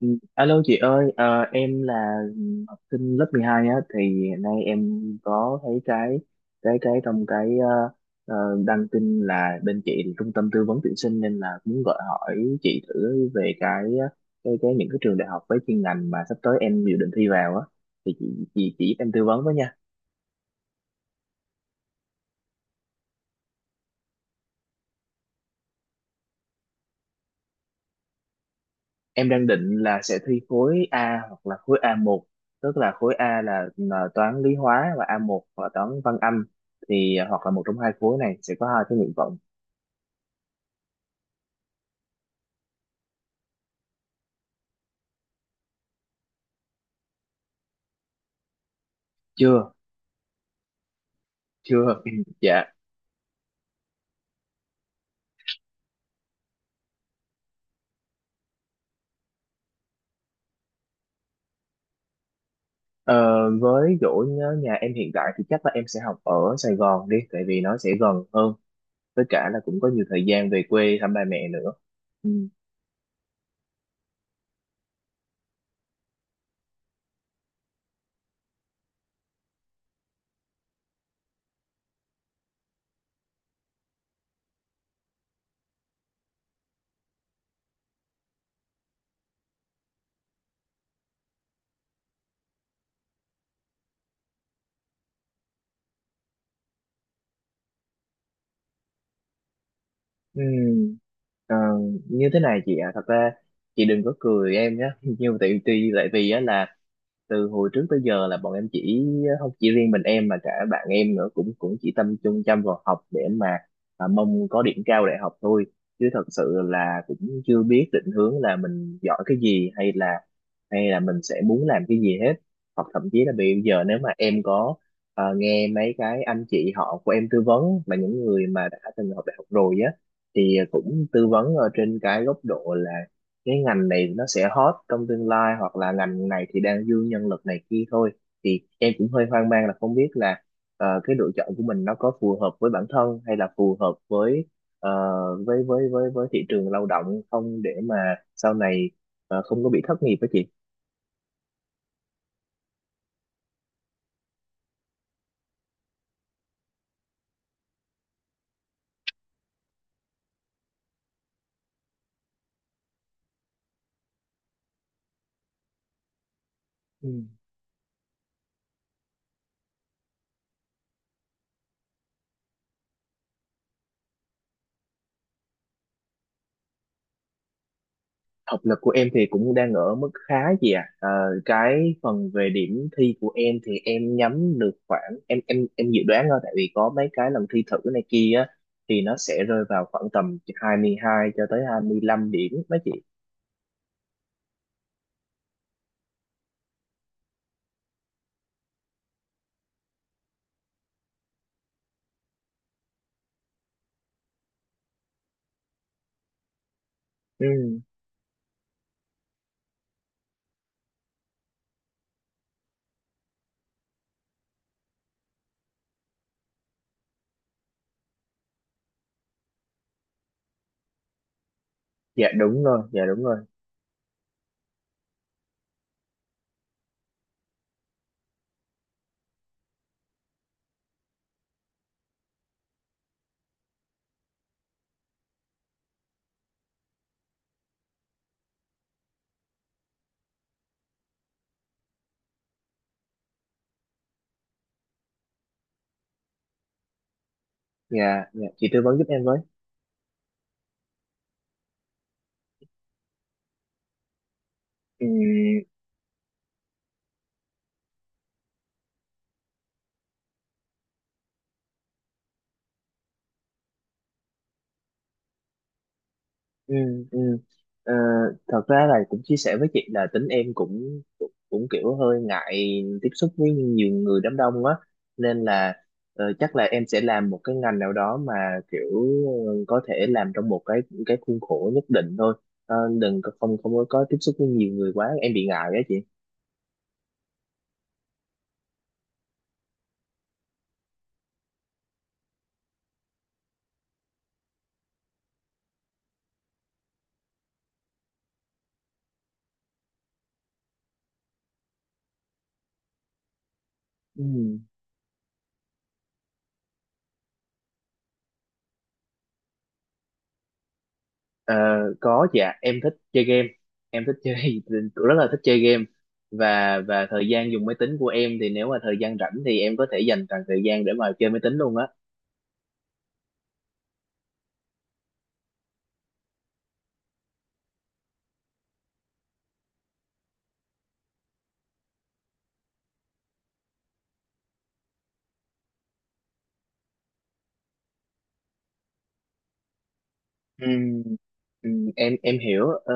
Ừ, alo chị ơi, em là học sinh lớp 12 á, thì hiện nay em có thấy cái cái trong cái ờ, đăng tin là bên chị là trung tâm tư vấn tuyển sinh, nên là muốn gọi hỏi chị thử về cái những cái trường đại học với chuyên ngành mà sắp tới em dự định thi vào á, thì chị chỉ giúp em tư vấn với nha. Em đang định là sẽ thi khối A hoặc là khối A một, tức là khối A là toán lý hóa, và A một là toán văn anh, thì hoặc là một trong hai khối này sẽ có hai cái nguyện vọng. Chưa, chưa. Dạ. Ờ, với chỗ nhớ nhà em hiện tại thì chắc là em sẽ học ở Sài Gòn đi, tại vì nó sẽ gần hơn, với cả là cũng có nhiều thời gian về quê thăm ba mẹ nữa. Ừ, ờ, như thế này chị ạ. Thật ra chị đừng có cười em nhé. Nhưng mà tại vì á là từ hồi trước tới giờ là bọn em chỉ, không chỉ riêng mình em mà cả bạn em nữa, cũng cũng chỉ tâm trung chăm vào học để mà mong có điểm cao đại học thôi, chứ thật sự là cũng chưa biết định hướng là mình giỏi cái gì, hay là mình sẽ muốn làm cái gì hết. Hoặc thậm chí là bây giờ nếu mà em có nghe mấy cái anh chị họ của em tư vấn, mà những người mà đã từng học đại học rồi á, thì cũng tư vấn ở trên cái góc độ là cái ngành này nó sẽ hot trong tương lai, hoặc là ngành này thì đang dư nhân lực này kia thôi, thì em cũng hơi hoang mang là không biết là cái lựa chọn của mình nó có phù hợp với bản thân, hay là phù hợp với ờ, với thị trường lao động không, để mà sau này không có bị thất nghiệp đó chị. Ừ. Học lực của em thì cũng đang ở mức khá chị ạ. Ờ, cái phần về điểm thi của em thì em nhắm được khoảng, em dự đoán thôi, tại vì có mấy cái lần thi thử này kia á thì nó sẽ rơi vào khoảng tầm 22 cho tới 25 điểm đó chị. Ừ, dạ đúng rồi, dạ đúng rồi. Dạ, dạ chị tư vấn giúp em với. Ừ, ừ, ừ. Ờ, Thật ra là cũng chia sẻ với chị là tính em cũng cũng, cũng kiểu hơi ngại tiếp xúc với nhiều người, đám đông á, nên là chắc là em sẽ làm một cái ngành nào đó mà kiểu có thể làm trong một cái khuôn khổ nhất định thôi. Ờ, đừng có- không không có có tiếp xúc với nhiều người quá em bị ngại á chị. Ừ. Ờ, có, dạ em thích chơi game, em thích chơi rất là thích chơi game. Và thời gian dùng máy tính của em thì nếu mà thời gian rảnh thì em có thể dành toàn thời gian để mà chơi máy tính luôn á. Ừ, ừ, em hiểu,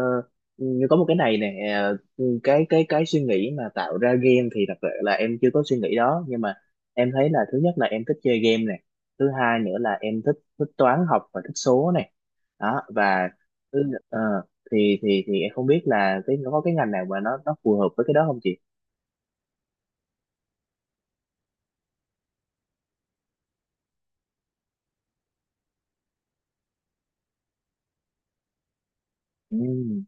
nhưng có một cái này nè. Cái suy nghĩ mà tạo ra game thì thật sự là em chưa có suy nghĩ đó, nhưng mà em thấy là thứ nhất là em thích chơi game này, thứ hai nữa là em thích thích toán học và thích số này đó, và thứ, ờ, thì em không biết là cái nó có cái ngành nào mà nó phù hợp với cái đó không chị. Ừ,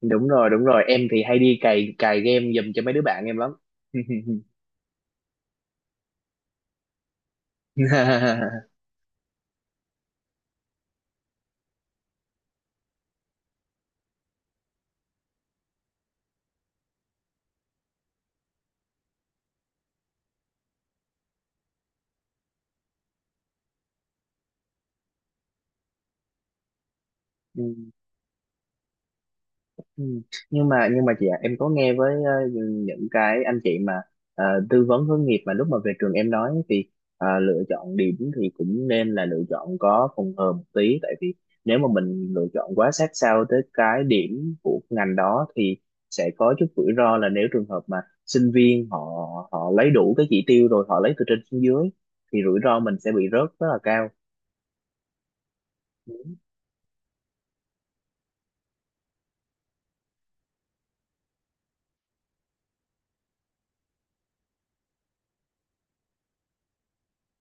đúng rồi đúng rồi, em thì hay đi cày cày game giùm cho mấy đứa bạn em lắm. Ừ. Ừ. Nhưng mà chị ạ, em có nghe với những cái anh chị mà ờ, tư vấn hướng nghiệp, mà lúc mà về trường em nói thì lựa chọn điểm thì cũng nên là lựa chọn có phòng hờ một tí, tại vì nếu mà mình lựa chọn quá sát sao tới cái điểm của ngành đó thì sẽ có chút rủi ro là, nếu trường hợp mà sinh viên họ họ lấy đủ cái chỉ tiêu rồi họ lấy từ trên xuống dưới, thì rủi ro mình sẽ bị rớt rất là cao.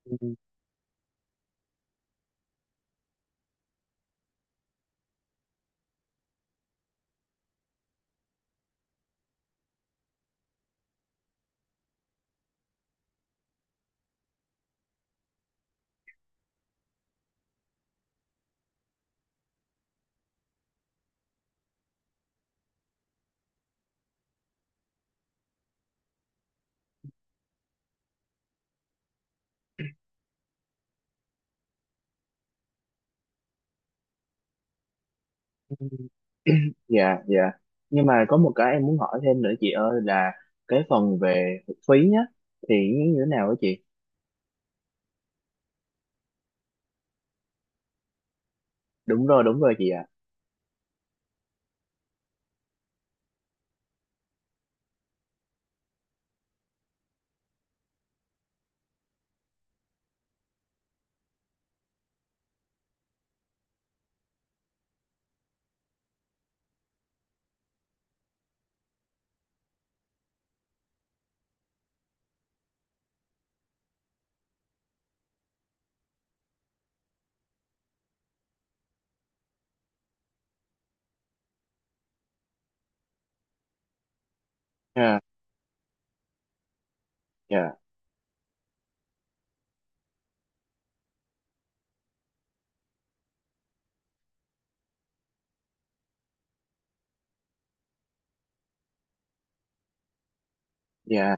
Ừ. Dạ, dạ, nhưng mà có một cái em muốn hỏi thêm nữa chị ơi, là cái phần về phí nhá, thì như thế nào á chị? Đúng rồi, đúng rồi chị ạ. À. Dạ, dạ,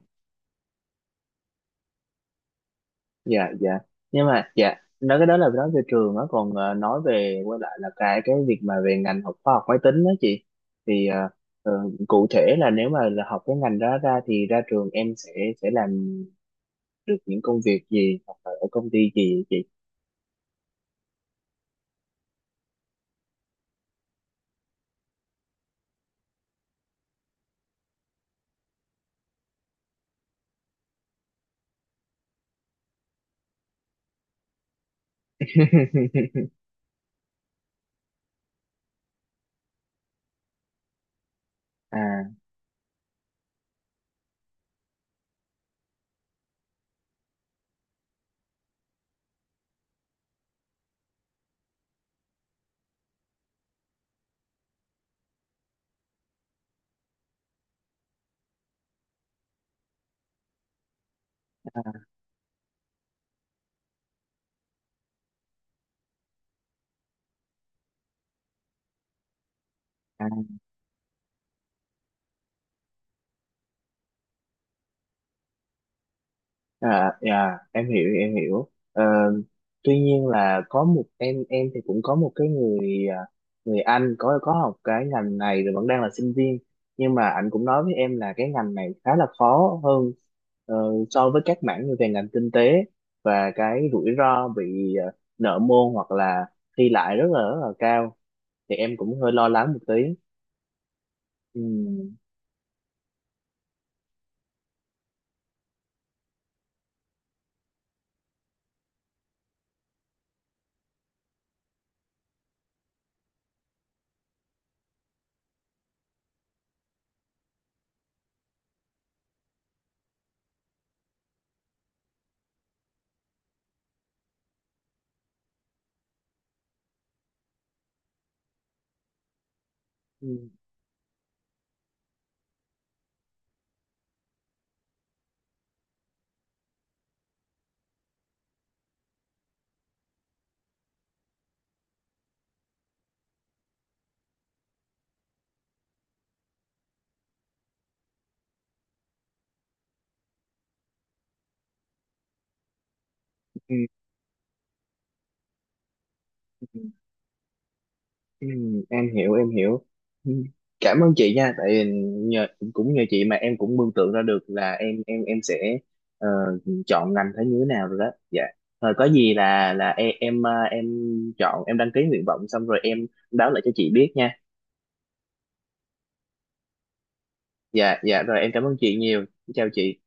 dạ, dạ, nhưng mà dạ, nói cái đó là nói về trường á, còn nói về quay lại là cái việc mà về ngành học khoa học máy tính đó chị, thì ờ, cụ thể là nếu mà là học cái ngành đó ra thì ra trường em sẽ làm được những công việc gì hoặc là ở công ty gì vậy chị? À. À, dạ, em hiểu em hiểu. Ờ, Tuy nhiên là có một em thì cũng có một cái người, người anh có học cái ngành này rồi vẫn đang là sinh viên, nhưng mà anh cũng nói với em là cái ngành này khá là khó hơn ờ, so với các mảng như về ngành kinh tế, và cái rủi ro bị nợ môn hoặc là thi lại rất là cao, thì em cũng hơi lo lắng một tí. Ừ. Ừ. ừ. Ừ, em hiểu em hiểu. Ừ, cảm ơn chị nha, tại vì nhờ, cũng nhờ chị mà em cũng mường tượng ra được là em sẽ ờ, chọn ngành thế như thế nào rồi đó. Dạ. Rồi có gì là em chọn, em đăng ký nguyện vọng xong rồi em báo lại cho chị biết nha. Dạ, dạ, rồi em cảm ơn chị nhiều. Chào chị.